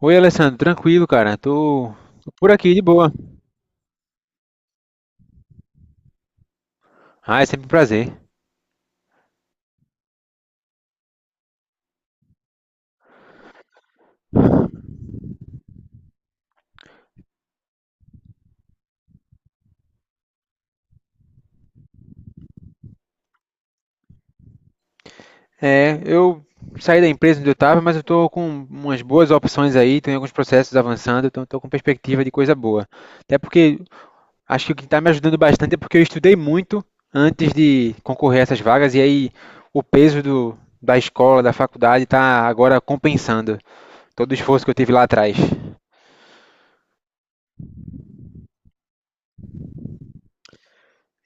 Oi, Alessandro, tranquilo, cara. Tô por aqui de boa. Ah, é sempre um prazer. É, eu saí da empresa onde eu tava, mas eu tô com umas boas opções aí, tenho alguns processos avançando, então tô com perspectiva de coisa boa. Até porque acho que o que tá me ajudando bastante é porque eu estudei muito antes de concorrer a essas vagas e aí o peso da escola, da faculdade tá agora compensando todo o esforço que eu tive lá atrás.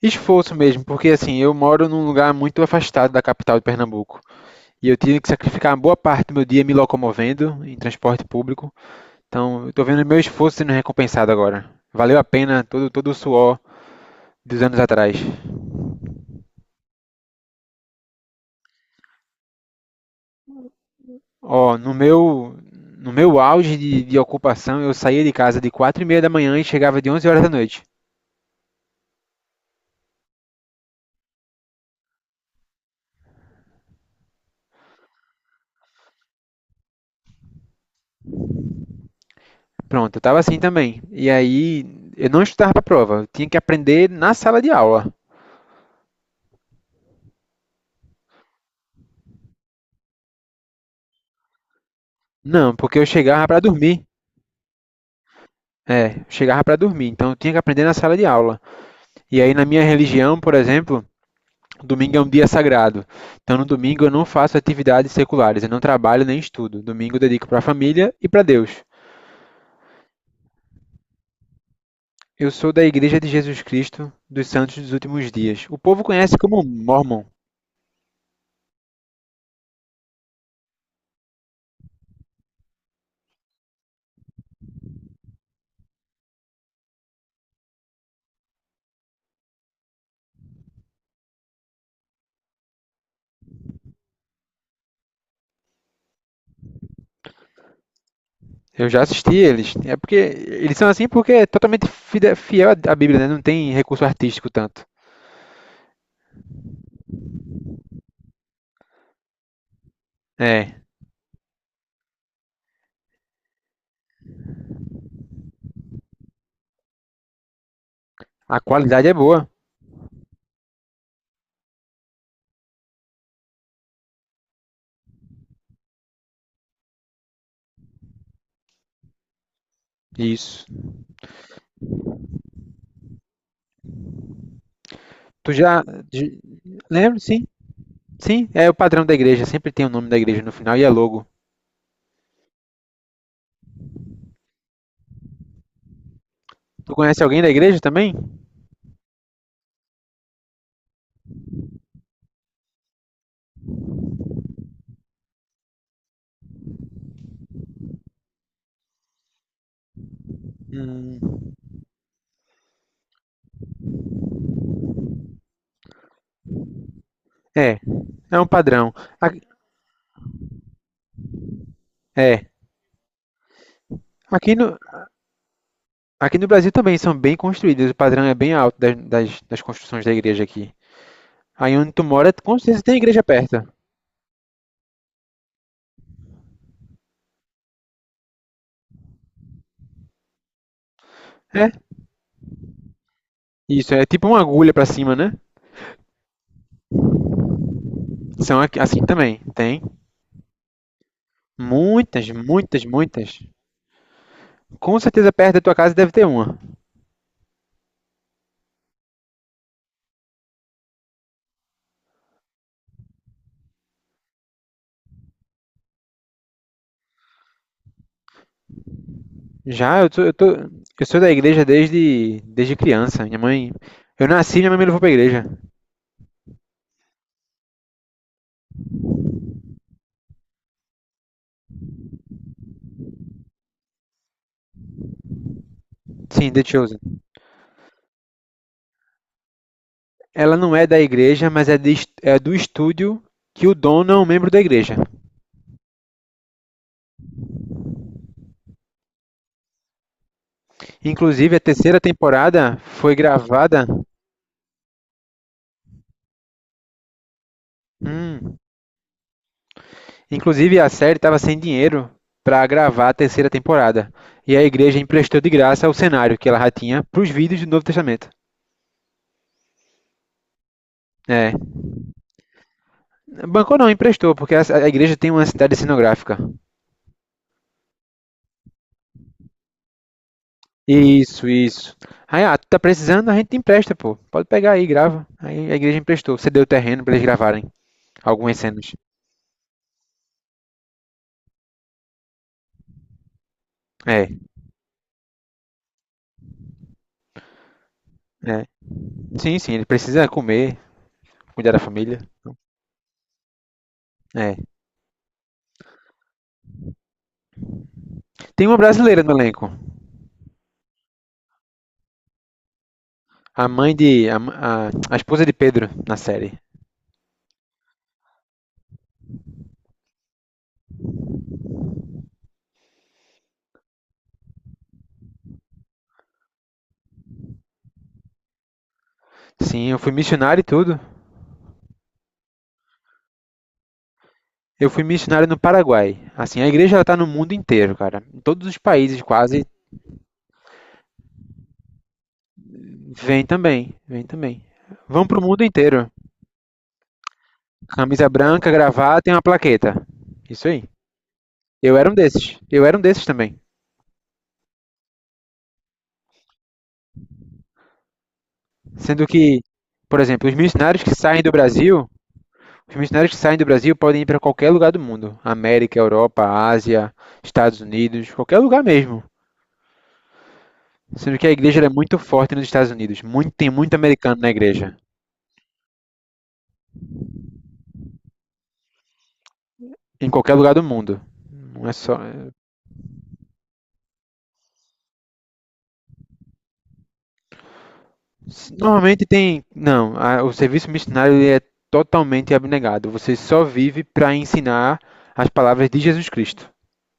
Esforço mesmo, porque assim, eu moro num lugar muito afastado da capital de Pernambuco. E eu tive que sacrificar uma boa parte do meu dia me locomovendo em transporte público. Então, eu estou vendo meu esforço sendo recompensado agora. Valeu a pena todo o suor dos anos atrás. Ó, no meu auge de ocupação, eu saía de casa de 4:30 da manhã e chegava de 23h. Pronto, eu tava assim também. E aí, eu não estudava pra prova, eu tinha que aprender na sala de aula. Não, porque eu chegava para dormir. É, eu chegava para dormir, então eu tinha que aprender na sala de aula. E aí, na minha religião, por exemplo, domingo é um dia sagrado. Então, no domingo eu não faço atividades seculares, eu não trabalho nem estudo. Domingo eu dedico para a família e para Deus. Eu sou da Igreja de Jesus Cristo dos Santos dos Últimos Dias. O povo conhece como Mormon. Eu já assisti eles. É porque eles são assim porque é totalmente fiel à Bíblia, né? Não tem recurso artístico tanto. É, a qualidade é boa. Isso. Tu já de- lembra? Sim. Sim, é o padrão da igreja, sempre tem o nome da igreja no final e é logo. Tu conhece alguém da igreja também? Hum. É, é um padrão. Aqui, é, aqui no, aqui no Brasil também são bem construídas, o padrão é bem alto das construções da igreja aqui. Aí onde tu mora, com certeza tem igreja perto. É, isso, é tipo uma agulha pra cima, né? São assim também, tem. Muitas, muitas, muitas. Com certeza perto da tua casa deve ter uma. Já, eu sou da igreja desde criança. Minha mãe. Eu nasci e minha mãe me levou pra igreja. Sim, The Chosen. Ela não é da igreja, mas é do estúdio que o dono é um membro da igreja. Inclusive, a terceira temporada foi gravada. Hum, inclusive, a série estava sem dinheiro para gravar a terceira temporada. E a igreja emprestou de graça o cenário que ela já tinha para os vídeos do Novo Testamento. É. Bancou não, emprestou, porque a igreja tem uma cidade cenográfica. Isso, isso. Aí, ah, tu tá precisando, a gente empresta, pô. Pode pegar aí, grava. Aí a igreja emprestou, cedeu o terreno para eles gravarem algumas cenas. É. É. Sim, sim, ele precisa comer, cuidar da família. É. Tem uma brasileira no elenco. A mãe de. A esposa de Pedro na série. Sim, eu fui missionário e tudo. Eu fui missionário no Paraguai. Assim, a igreja ela tá no mundo inteiro, cara. Em todos os países quase. Vem também. Vem também. Vão pro mundo inteiro. Camisa branca, gravata e uma plaqueta. Isso aí. Eu era um desses. Eu era um desses também. Sendo que, por exemplo, Os missionários que saem do Brasil podem ir para qualquer lugar do mundo, América, Europa, Ásia, Estados Unidos, qualquer lugar mesmo. Sendo que a igreja ela é muito forte nos Estados Unidos, tem muito americano na igreja, em qualquer lugar do mundo. Não é só. Normalmente tem. Não, a- o serviço missionário ele é totalmente abnegado. Você só vive para ensinar as palavras de Jesus Cristo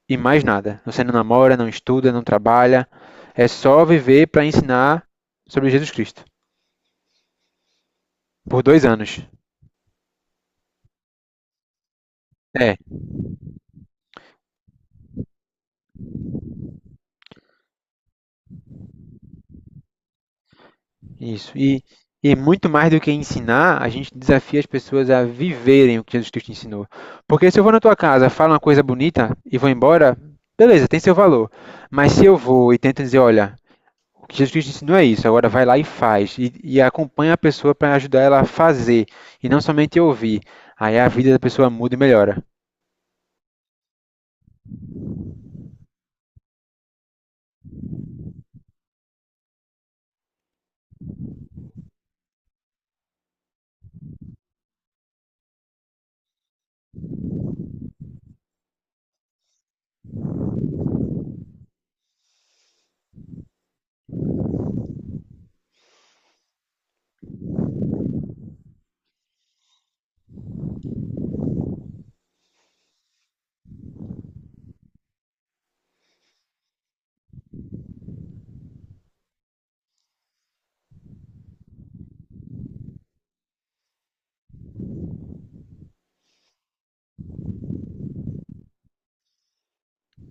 e mais nada. Você não namora, não estuda, não trabalha. É só viver para ensinar sobre Jesus Cristo por 2 anos. É, isso. E muito mais do que ensinar, a gente desafia as pessoas a viverem o que Jesus Cristo ensinou. Porque se eu vou na tua casa, falo uma coisa bonita e vou embora, beleza, tem seu valor. Mas se eu vou e tento dizer, olha, o que Jesus Cristo ensinou é isso, agora vai lá e faz. E acompanha a pessoa para ajudar ela a fazer e não somente ouvir. Aí a vida da pessoa muda e melhora.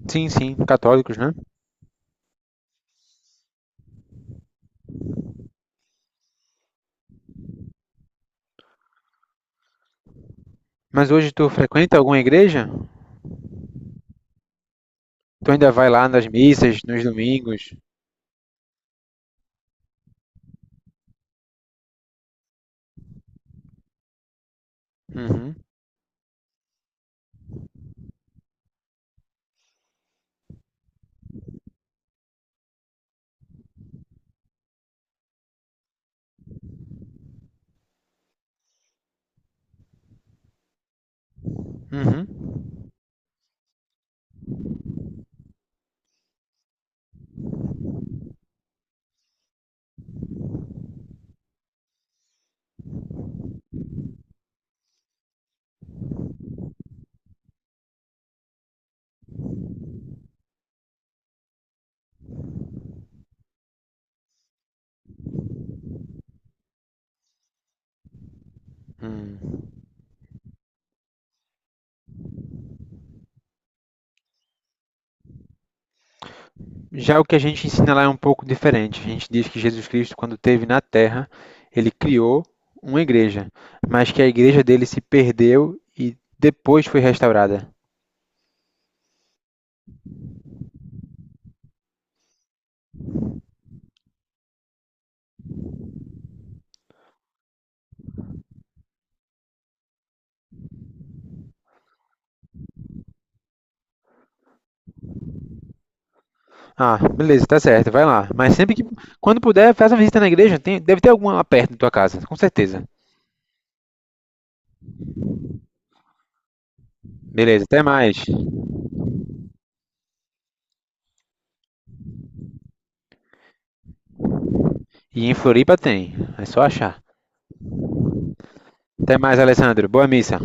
Sim, sim, católicos, né? Mas hoje tu frequenta alguma igreja? Tu ainda vai lá nas missas, nos domingos? Uhum, uhum, hum. Já o que a gente ensina lá é um pouco diferente. A gente diz que Jesus Cristo, quando esteve na Terra, ele criou uma igreja, mas que a igreja dele se perdeu e depois foi restaurada. Ah, beleza, tá certo, vai lá. Mas sempre que, quando puder, faz uma visita na igreja. Tem, deve ter alguma lá perto da tua casa, com certeza. Beleza, até mais. E em Floripa tem, é só achar. Até mais, Alessandro. Boa missa.